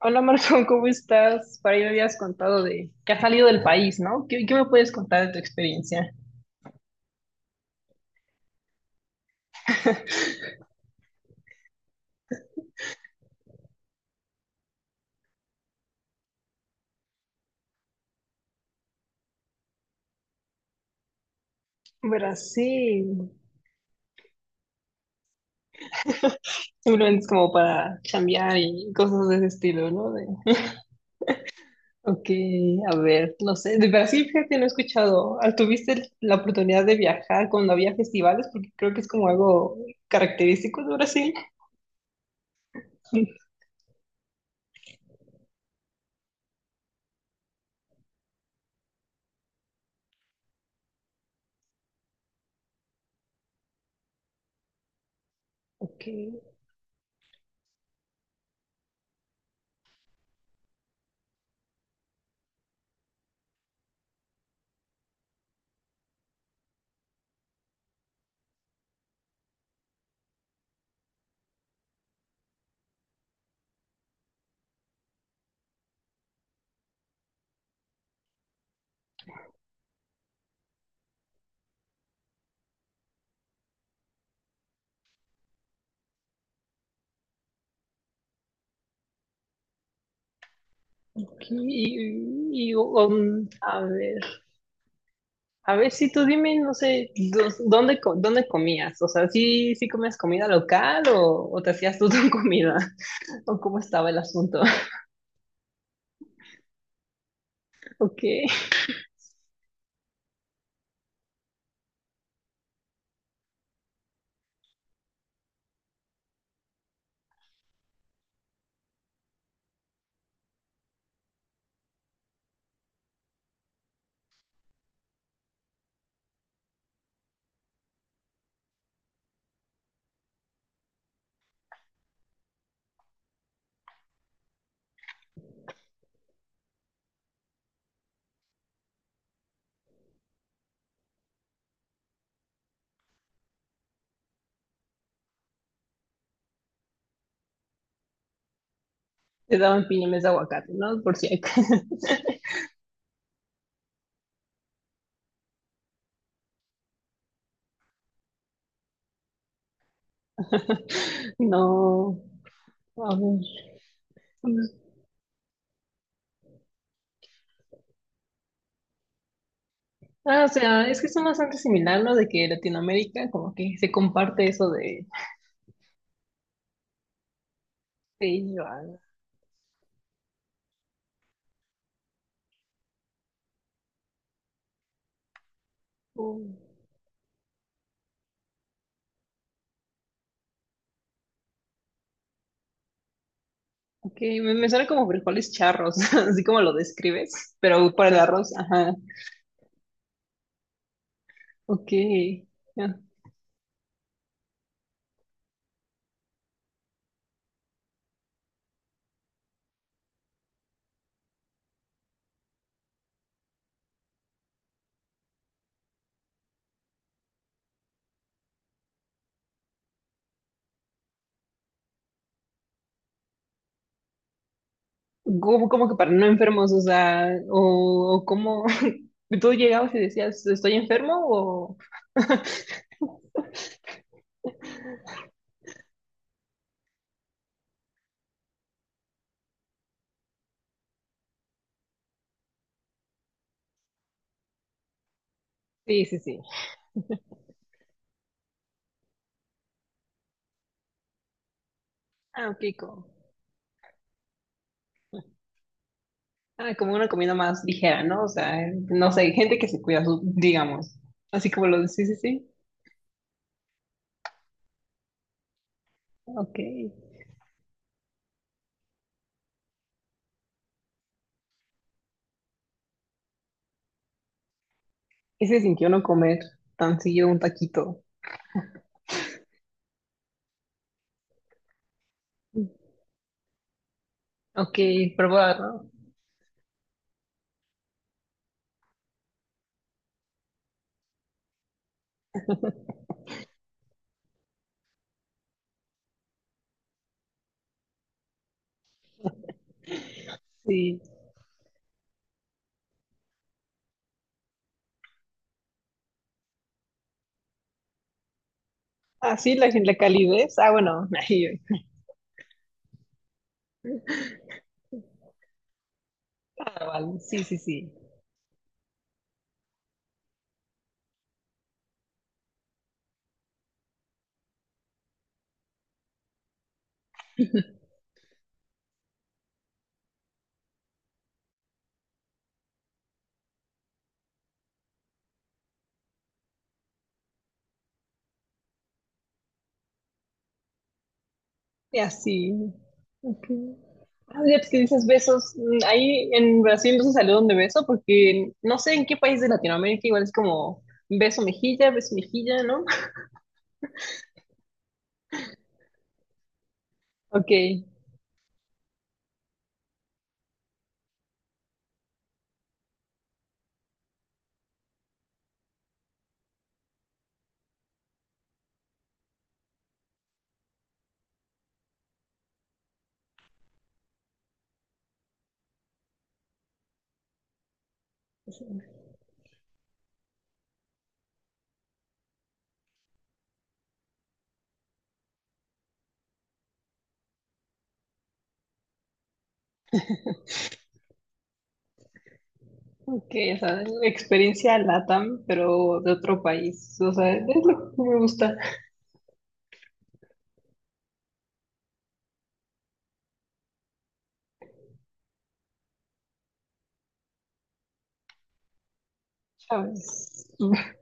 Hola Marco, ¿cómo estás? Para ahí me habías contado de que has salido del país, ¿no? ¿Qué me puedes contar de tu experiencia? Brasil. Simplemente es como para chambear y cosas de ese estilo, ¿no? Ok, a ver, no sé. De Brasil, fíjate, no he escuchado. Ah, ¿tuviste la oportunidad de viajar cuando había festivales? Porque creo que es como algo característico de Brasil. Ok, ok, a ver. A ver, si tú dime, no sé, ¿dónde, dónde comías? O sea, ¿sí comías comida local o te hacías tú tu comida? ¿O cómo estaba el asunto? ¿O te daban piñones de aguacate, ¿no? Por si acaso. No, a ver. Ah, o sea, es que son bastante similar, ¿no? De que Latinoamérica como que se comparte eso de ello. Ok, me suena como frijoles charros, así como lo describes, pero para el arroz, ajá. Ok. Como, como que para no enfermos, o sea, o cómo tú llegabas y decías, ¿estoy enfermo? O... Sí, sí, sí. Ah, ok, como, ah, como una comida más ligera, ¿no? O sea, no sé, gente que se cuida, digamos. Así como lo de, sí, sí, sí. Ok. ¿Y se sintió no comer tan seguido un taquito? Ok, probar, ¿no? Sí. Ah, sí, la, la calidez. Ah, bueno, ahí. Ah, vale, sí, sí, sí. Y así. Ok. Ah, ya pues, que dices besos, mm, ahí en Brasil no se saludan de beso porque no sé en qué país de Latinoamérica igual es como beso mejilla, ¿no? Ok, ok, o sea, experiencia LATAM, pero de otro país, o sea, es lo que me gusta. Chávez,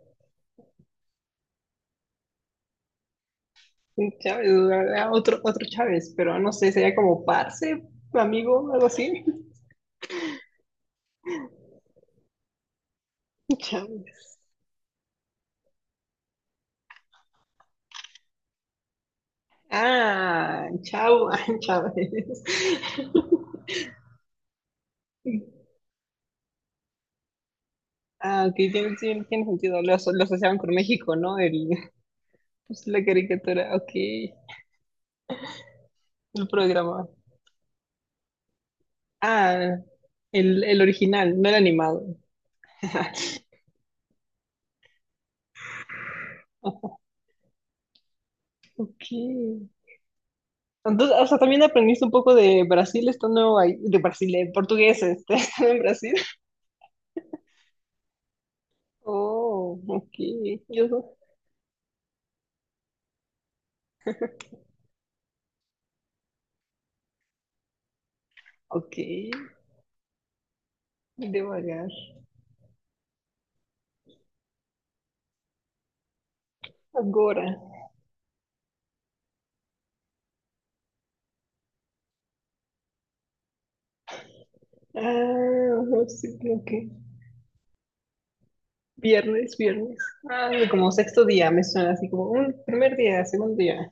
Chávez, ah, otro, otro Chávez, pero no sé, sería como parce, amigo, algo así. Chávez. Ah, chao, Chávez. Ah, ok, tiene, sí, tiene sentido. Lo, lo asociaban con México, ¿no? El, pues, la caricatura, ok. El programa. Ah, el original, no el animado. Ok. Entonces, o sea, también aprendiste un poco de Brasil estando ahí, de Brasil, de portugués, este, estando en Brasil. Oh, ok. Yo, ok. Devagar. Agora. Ah, no, sí, ok. Viernes, viernes. Ah, como sexto día me suena así como un primer día, segundo día.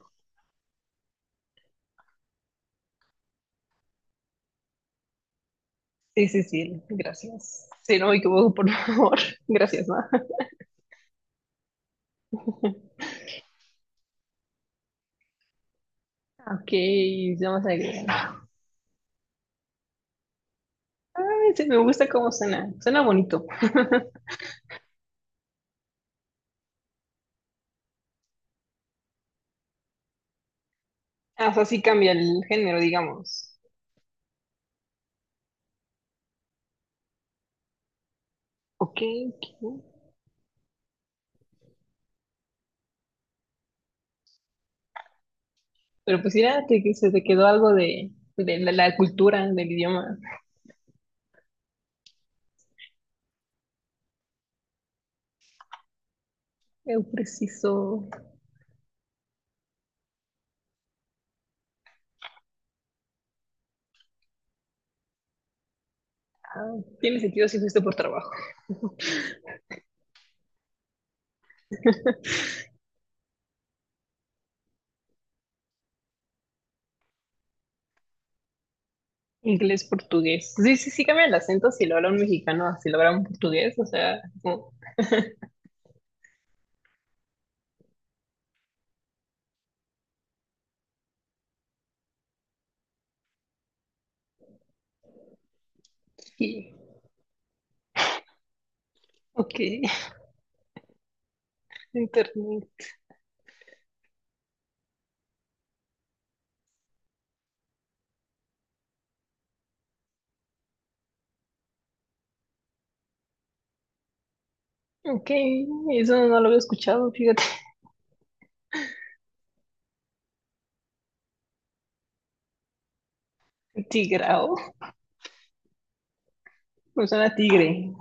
Sí, sí, sí, gracias. Sí, no, y como, por favor, gracias, ¿no? Ok, vamos a ver. Ay, sí, me gusta cómo suena. Suena bonito. Ah, o sea, sí cambia el género, digamos. Ok, ok. Pero pues mira, que se te quedó algo de la, la cultura, del idioma. Eu preciso. Ah, tiene sentido si fuiste por trabajo. Inglés, portugués. Sí, sí, sí cambia el acento si lo habla un mexicano, a si lo habla un portugués, o sea, como, sí, ok, internet. Ok, eso no lo había escuchado, fíjate. Tigrao, me suena a tigre,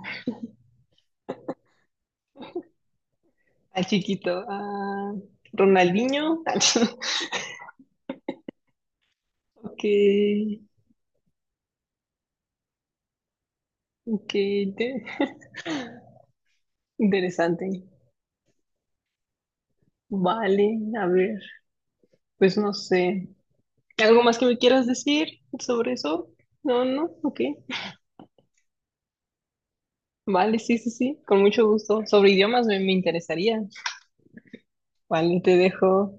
a chiquito, a Ronaldinho. Ok, ok, te- interesante. Vale, a ver, pues no sé. ¿Algo más que me quieras decir sobre eso? No, no, ok. Vale, sí, sí, sí, con mucho gusto. Sobre idiomas me, me interesaría. Vale, te dejo.